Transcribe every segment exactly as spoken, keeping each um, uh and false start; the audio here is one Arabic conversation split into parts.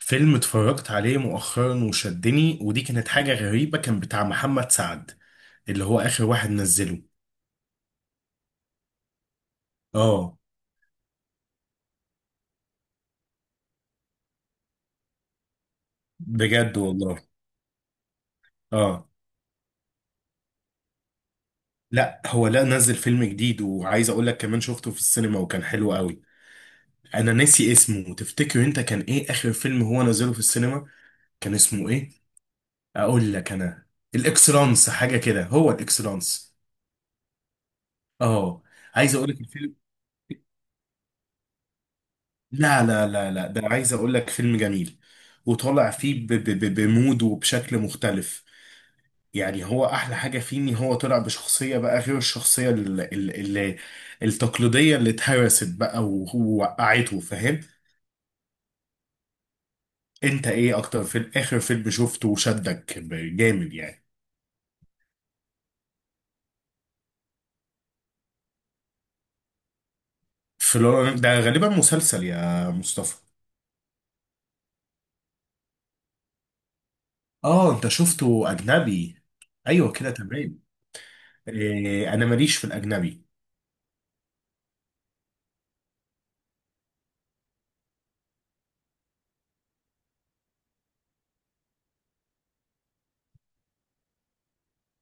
فيلم اتفرجت عليه مؤخرا وشدني، ودي كانت حاجة غريبة، كان بتاع محمد سعد اللي هو آخر واحد نزله. اه، بجد والله. اه، لا هو لا نزل فيلم جديد، وعايز اقول لك كمان شفته في السينما وكان حلو قوي. انا ناسي اسمه، تفتكر انت كان ايه آخر فيلم هو نزله في السينما؟ كان اسمه ايه؟ اقول لك انا، الاكسلانس حاجة كده، هو الاكسلانس. اه، عايز اقول لك الفيلم، لا لا لا لا، ده عايز اقول لك فيلم جميل، وطالع فيه ب ب ب بمود وبشكل مختلف. يعني هو احلى حاجه فيه ان هو طلع بشخصيه بقى غير الشخصيه ال ال ال التقليديه اللي اتهرست بقى و- ووقعته، فاهم؟ انت ايه اكتر في اخر فيلم شفته وشدك ب- جامد يعني؟ في لو- ده غالبا مسلسل يا مصطفى. اه، انت شفته اجنبي؟ ايوه كده تمام. إيه، انا ماليش في الاجنبي.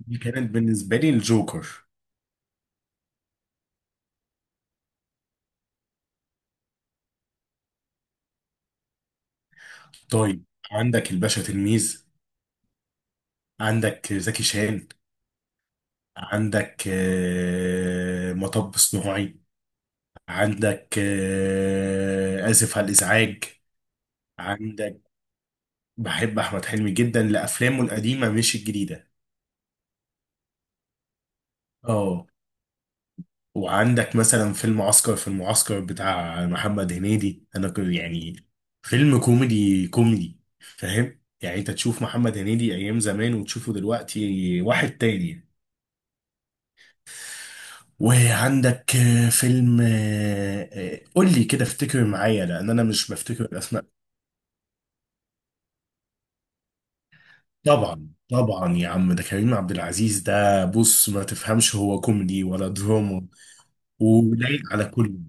دي كانت بالنسبه لي الجوكر. طيب، عندك الباشا تلميذ، عندك زكي شان، عندك آه، مطب صناعي، عندك آه، آسف على الإزعاج. عندك، بحب أحمد حلمي جدا لأفلامه القديمة مش الجديدة. اه، وعندك مثلا فيلم عسكر في المعسكر بتاع محمد هنيدي، أنا ك- يعني فيلم كوميدي كوميدي فاهم؟ يعني أنت تشوف محمد هنيدي أيام زمان وتشوفه دلوقتي واحد تاني. وعندك آه، فيلم آه، آه، قول لي كده افتكر معايا لان انا مش بفتكر الاسماء. طبعا طبعا يا عم، ده كريم عبد العزيز، ده بص ما تفهمش هو كوميدي ولا دراما، ولايق على كله.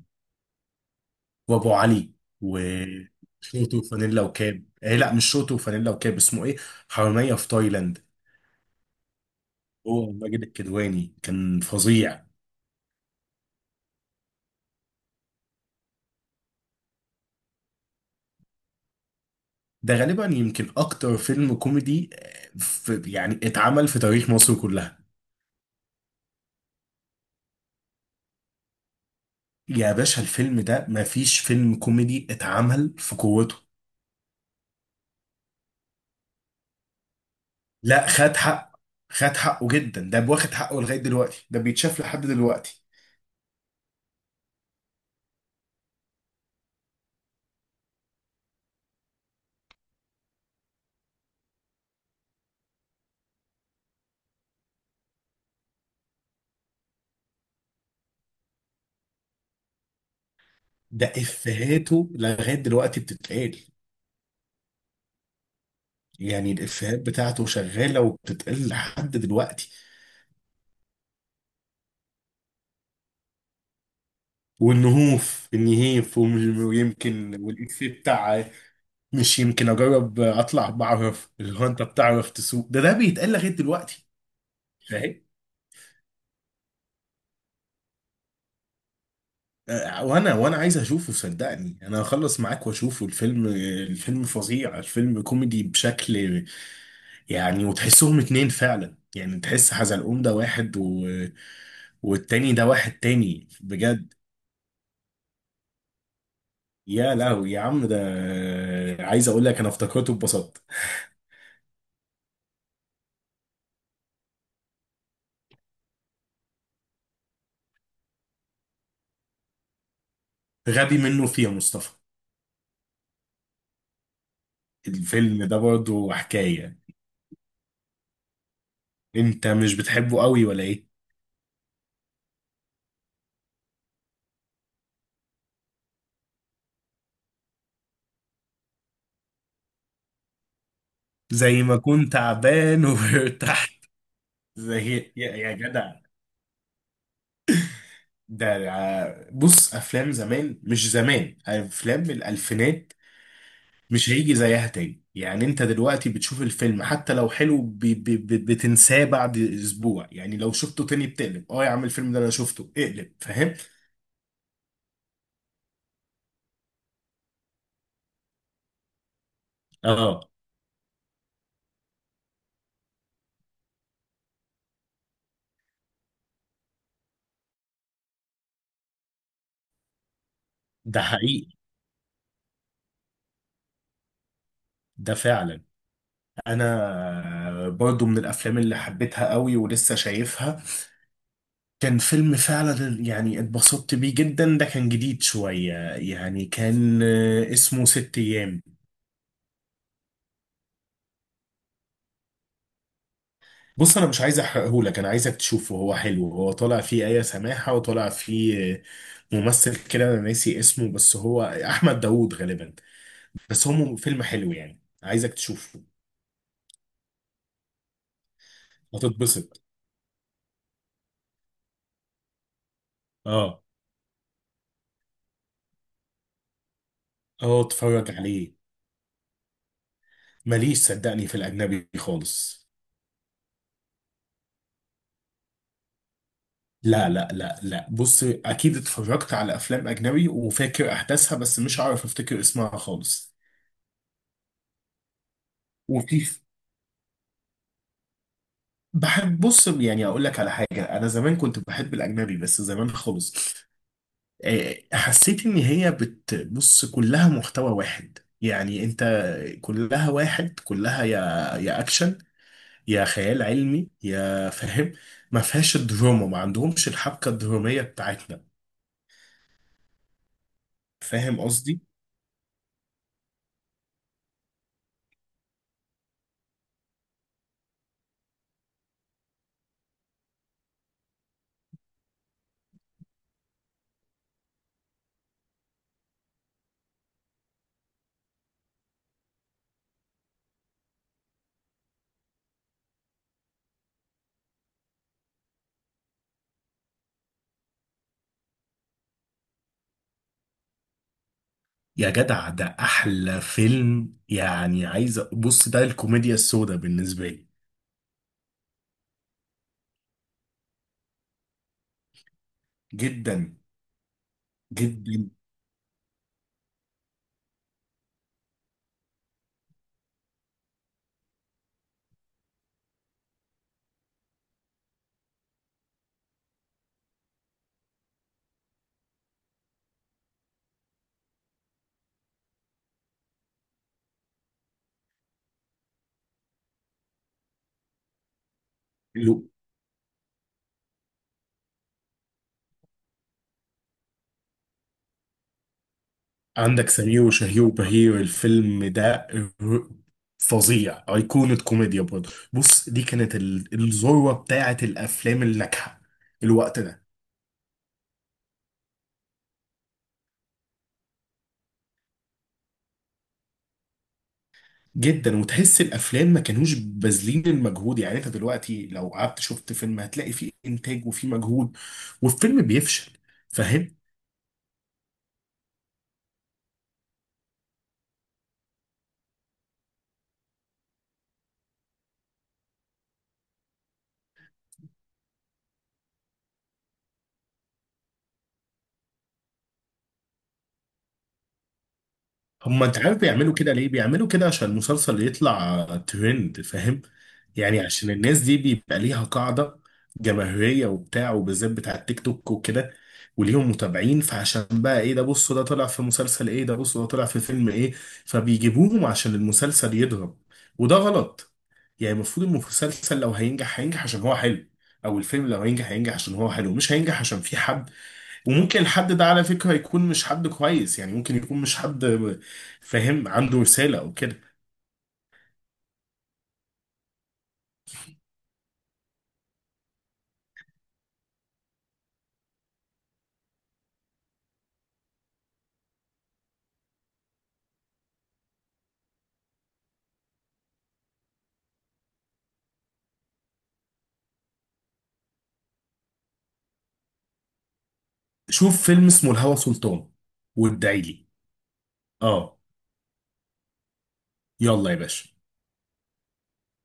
وابو علي. وشورت وفانيلا وكاب، آه لا، مش شورت وفانيلا وكاب، اسمه ايه؟ حرامية في تايلاند. هو ماجد الكدواني كان فظيع. ده غالبا يمكن اكتر فيلم كوميدي آه، في يعني اتعمل في تاريخ مصر كلها. يا باشا، الفيلم ده مفيش فيلم كوميدي اتعمل في قوته. لا، خد حق، خد حقه جدا، ده واخد حقه لغاية دلوقتي، ده بيتشاف لحد دلوقتي. ده إفيهاته لغاية دلوقتي بتتقال. يعني الإفيهات بتاعته شغالة وبتتقال لحد دلوقتي. والنهوف النهيف وم- ويمكن، والإفيه بتاع، مش يمكن أجرب أطلع، بعرف اللي هو أنت بتعرف تسوق، ده ده بيتقال لغاية دلوقتي، فاهم؟ آه، وانا وانا عايز اشوفه، صدقني انا هخلص معاك واشوفه الفيلم. الفيلم فظيع، الفيلم كوميدي بشكل، يعني وتحسهم اتنين فعلا، يعني تحس حزلقوم ده واحد و... والتاني ده واحد تاني بجد. يا لهوي يا عم ده، آه، عايز اقول لك انا افتكرته ببساطة. غبي منه فيه يا مصطفى. الفيلم ده برضه حكاية، انت مش بتحبه قوي ولا ايه؟ زي ما كنت تعبان وارتحت، زي يا يا جدع. ده ع- بص، افلام زمان، مش زمان، افلام الالفينات، مش هيجي زيها تاني. يعني انت دلوقتي بتشوف الفيلم حتى لو حلو بي بي بي بتنساه بعد اسبوع، يعني لو شفته تاني بتقلب، اه يا عم الفيلم ده انا شفته، اقلب، فاهم؟ اه، ده حقيقي، ده فعلا. انا برضو من الافلام اللي حبيتها قوي ولسه شايفها، كان فيلم فعلا يعني اتبسطت بيه جدا، ده كان جديد شوية يعني، كان آه، اسمه ست ايام. بص، انا مش عايز احرقهولك، انا عايزك تشوفه، هو حلو، هو طالع فيه آية سماحة، وطالع فيه ممثل كده انا ناسي اسمه، بس هو احمد داوود غالبا. بس هو م- فيلم حلو يعني، عايزك تشوفه. هتتبسط. اه. اه اتفرج عليه. ماليش صدقني في الاجنبي خالص. لا لا لا لا، بص، اكيد اتفرجت على افلام اجنبي وفاكر احداثها، بس مش عارف افتكر اسمها خالص. وفي، بحب، بص يعني اقول لك على حاجه، انا زمان كنت بحب الاجنبي، بس زمان خالص. آه، حسيت ان هي بتبص كلها محتوى واحد، يعني انت، كلها واحد، كلها يا يا اكشن، يا خيال علمي، يا فاهم. ما فيهاش الدراما، ما عندهمش الحبكة الدرامية بتاعتنا. فاهم قصدي؟ يا جدع، ده احلى فيلم يعني، عايز أ- بص، ده الكوميديا السوداء بالنسبة لي. جدا. جدا. عندك سمير وشهير وبهير، الفيلم ده فظيع، أيقونة كوميديا برضه. بص، دي كانت ال- الذروة بتاعة الأفلام الناجحة الوقت ده. جدا، وتحس الأفلام ما كانوش باذلين المجهود، يعني أنت دلوقتي لو قعدت شفت فيلم هتلاقي فيه إنتاج وفيه مجهود والفيلم بيفشل. هما انت عارف بيعملوا كده ليه؟ بيعملوا كده عشان المسلسل يطلع ترند، فاهم؟ يعني عشان الناس دي بيبقى ليها قاعدة جماهيرية وبتاع، وبالذات بتاع التيك توك وكده، وليهم متابعين، فعشان بقى ايه ده، بصوا ده طلع في مسلسل، ايه ده، بصوا ده طلع في فيلم ايه، فبيجيبوهم عشان المسلسل يضرب. وده غلط. يعني المفروض المسلسل لو هينجح هينجح عشان هو حلو، او الفيلم لو هينجح هينجح عشان هو حلو، مش هينجح عشان في حد. وممكن الحد ده على فكرة يكون مش حد كويس، يعني ممكن يكون مش حد فاهم، عنده رسالة او كده. شوف فيلم اسمه الهوى سلطان، وادعي لي. اه. يلا يا باشا.